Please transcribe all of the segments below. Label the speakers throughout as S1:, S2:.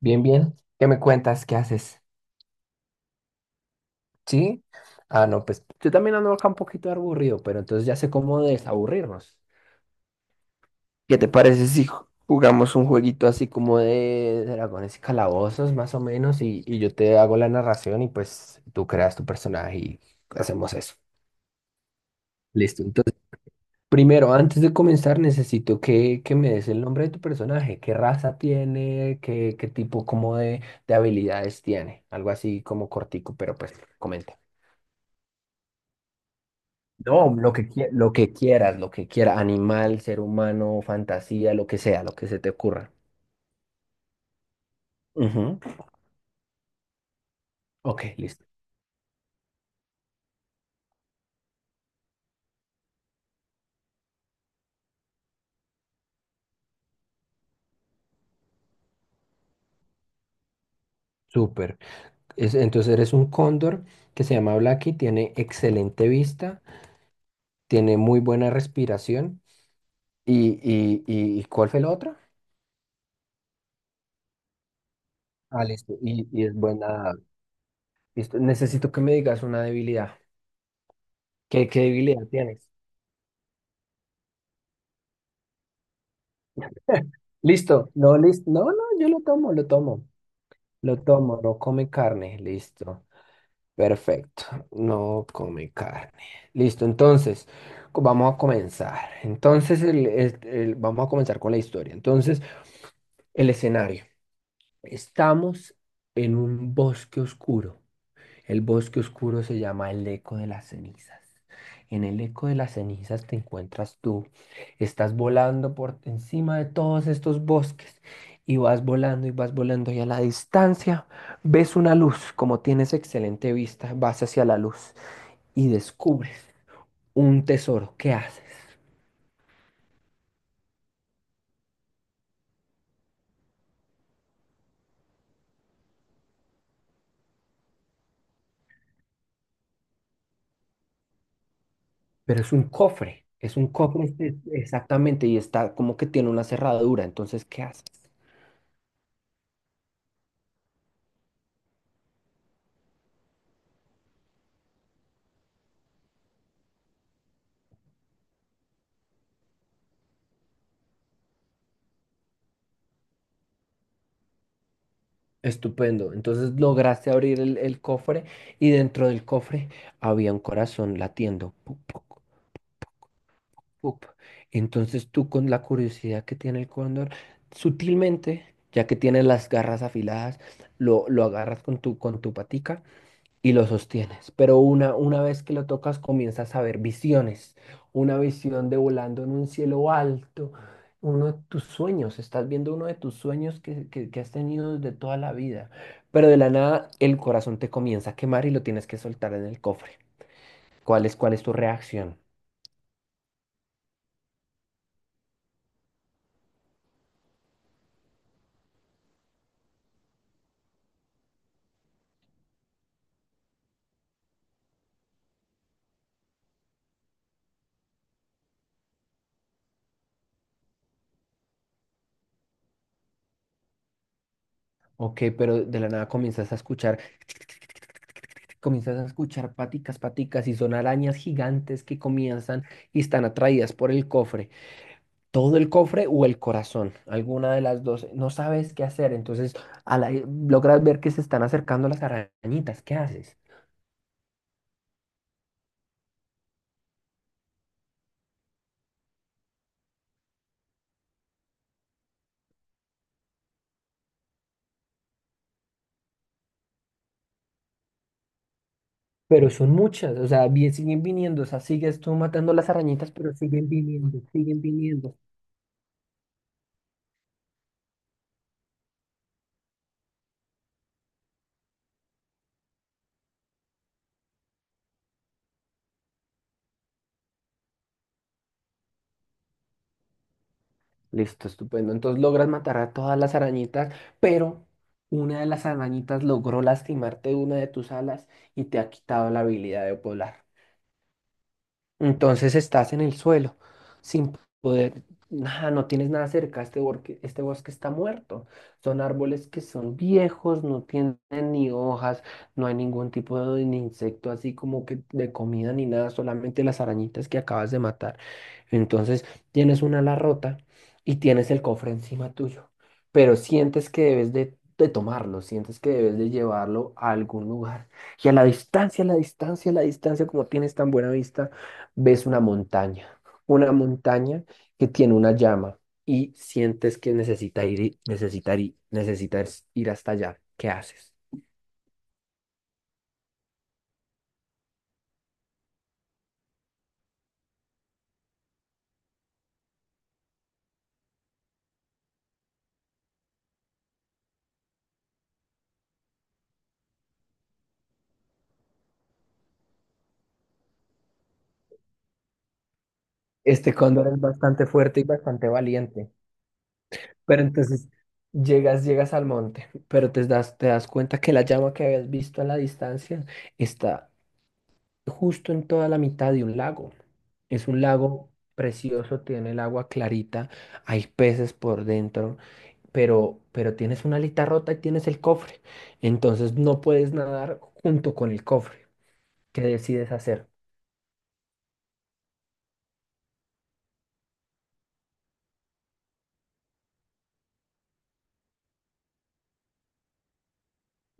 S1: Bien, bien. ¿Qué me cuentas? ¿Qué haces? ¿Sí? Ah, no, pues yo también ando acá un poquito aburrido, pero entonces ya sé cómo desaburrirnos. ¿Qué te parece si jugamos un jueguito así como de dragones y calabozos, más o menos? Y yo te hago la narración y pues tú creas tu personaje y hacemos eso. Listo. Entonces, primero, antes de comenzar, necesito que me des el nombre de tu personaje. ¿Qué raza tiene? ¿Qué, qué tipo como de habilidades tiene? Algo así como cortico, pero pues comenta. No, lo que, lo que quieras, animal, ser humano, fantasía, lo que sea, lo que se te ocurra. Ujú. Ok, listo. Súper. Entonces eres un cóndor que se llama Blacky, tiene excelente vista, tiene muy buena respiración. ¿Y cuál fue la otra? Ah, listo. Y es buena. Listo. Necesito que me digas una debilidad. ¿Qué, qué debilidad tienes? Listo. No, listo. No, no, yo lo tomo, lo tomo. Lo tomo, no come carne. Listo. Perfecto, no come carne. Listo, entonces, vamos a comenzar. Entonces, vamos a comenzar con la historia. Entonces, el escenario. Estamos en un bosque oscuro. El bosque oscuro se llama El Eco de las Cenizas. En El Eco de las Cenizas te encuentras tú. Estás volando por encima de todos estos bosques y vas volando y vas volando y a la distancia ves una luz. Como tienes excelente vista, vas hacia la luz y descubres un tesoro. ¿Qué haces? Pero es un cofre. Es un cofre exactamente y está como que tiene una cerradura. Entonces, ¿qué haces? Estupendo. Entonces lograste abrir el cofre y dentro del cofre había un corazón latiendo. Puc, puc, puc. Entonces tú con la curiosidad que tiene el cóndor, sutilmente, ya que tienes las garras afiladas, lo agarras con tu patica y lo sostienes. Pero una vez que lo tocas, comienzas a ver visiones. Una visión de volando en un cielo alto, uno de tus sueños. Estás viendo uno de tus sueños que has tenido desde toda la vida. Pero de la nada, el corazón te comienza a quemar y lo tienes que soltar en el cofre. ¿Cuál es tu reacción? Ok, pero de la nada comienzas a escuchar paticas, paticas, y son arañas gigantes que comienzan y están atraídas por el cofre. Todo el cofre o el corazón, alguna de las dos, no sabes qué hacer, entonces logras ver que se están acercando las arañitas, ¿qué haces? Pero son muchas, o sea, siguen viniendo, o sea, sigues tú matando las arañitas, pero siguen viniendo, siguen viniendo. Listo, estupendo. Entonces logras matar a todas las arañitas, pero una de las arañitas logró lastimarte una de tus alas y te ha quitado la habilidad de volar. Entonces estás en el suelo, sin poder, nada, no tienes nada cerca, este bosque está muerto. Son árboles que son viejos, no tienen ni hojas, no hay ningún tipo de ni insecto así como que de comida ni nada, solamente las arañitas que acabas de matar. Entonces tienes una ala rota y tienes el cofre encima tuyo, pero sientes que debes de tomarlo, sientes que debes de llevarlo a algún lugar. Y a la distancia, a la distancia, a la distancia, como tienes tan buena vista, ves una montaña que tiene una llama y sientes que necesita ir, necesitar, necesitas ir hasta allá. ¿Qué haces? Este cóndor es bastante fuerte y bastante valiente. Pero entonces llegas, llegas al monte, pero te das cuenta que la llama que habías visto a la distancia está justo en toda la mitad de un lago. Es un lago precioso, tiene el agua clarita, hay peces por dentro, pero tienes una alita rota y tienes el cofre. Entonces no puedes nadar junto con el cofre. ¿Qué decides hacer?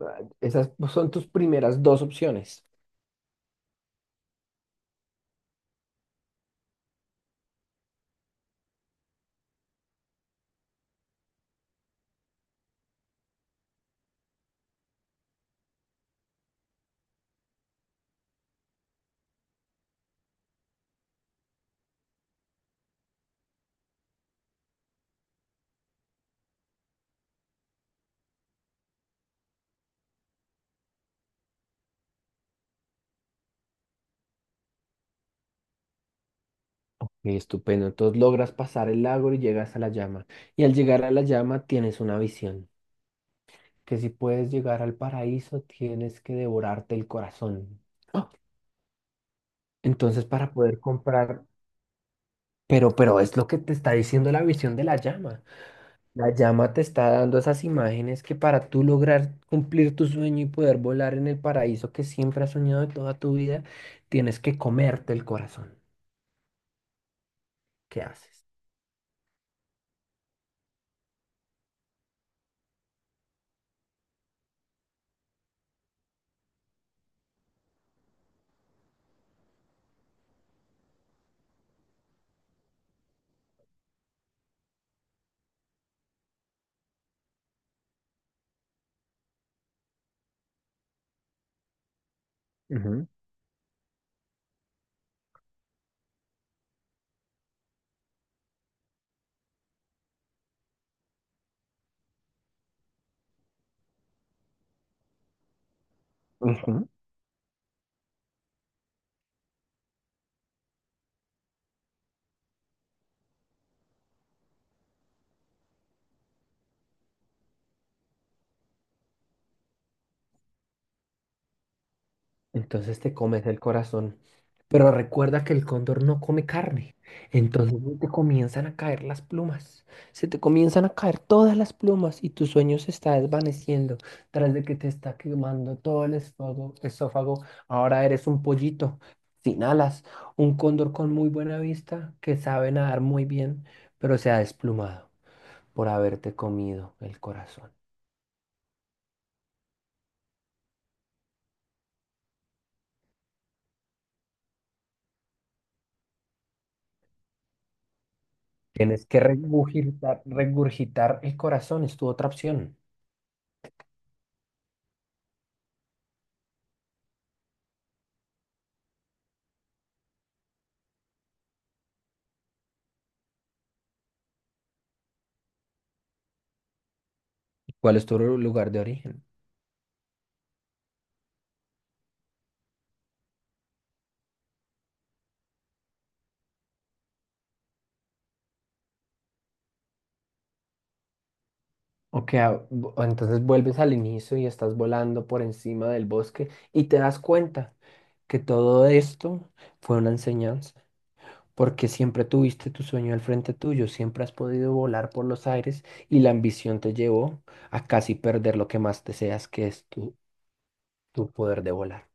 S1: Ah, esas son tus primeras dos opciones. Ok, estupendo. Entonces logras pasar el lago y llegas a la llama. Y al llegar a la llama tienes una visión, que si puedes llegar al paraíso tienes que devorarte el corazón. ¡Ah! Entonces para poder comprar, pero es lo que te está diciendo la visión de la llama. La llama te está dando esas imágenes que para tú lograr cumplir tu sueño y poder volar en el paraíso que siempre has soñado de toda tu vida, tienes que comerte el corazón. ¿Qué haces? Ujú, ujú. Entonces te comes el corazón. Pero recuerda que el cóndor no come carne. Entonces se te comienzan a caer las plumas. Se te comienzan a caer todas las plumas y tu sueño se está desvaneciendo tras de que te está quemando todo el esófago. Esófago. Ahora eres un pollito sin alas, un cóndor con muy buena vista que sabe nadar muy bien, pero se ha desplumado por haberte comido el corazón. Tienes que regurgitar, regurgitar el corazón, es tu otra opción. ¿Cuál es tu lugar de origen? Ok, ah, entonces vuelves al inicio y estás volando por encima del bosque y te das cuenta que todo esto fue una enseñanza, porque siempre tuviste tu sueño al frente tuyo, siempre has podido volar por los aires y la ambición te llevó a casi perder lo que más deseas, que es tu, tu poder de volar.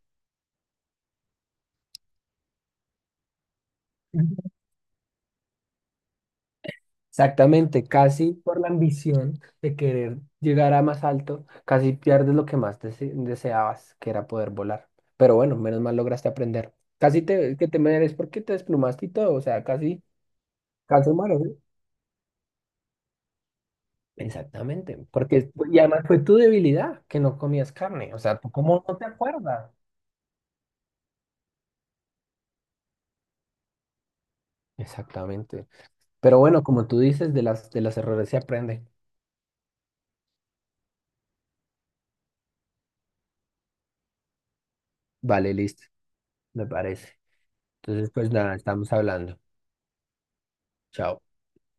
S1: Exactamente, casi por la ambición de querer llegar a más alto, casi pierdes lo que más deseabas, que era poder volar. Pero bueno, menos mal lograste aprender. Casi te, que te mereces porque te desplumaste y todo, o sea, casi, casi malo, ¿sí? Exactamente, porque y además fue tu debilidad que no comías carne, o sea, ¿tú cómo no te acuerdas? Exactamente. Pero bueno, como tú dices, de las de los errores se aprende. Vale, listo, me parece. Entonces, pues nada, estamos hablando. Chao.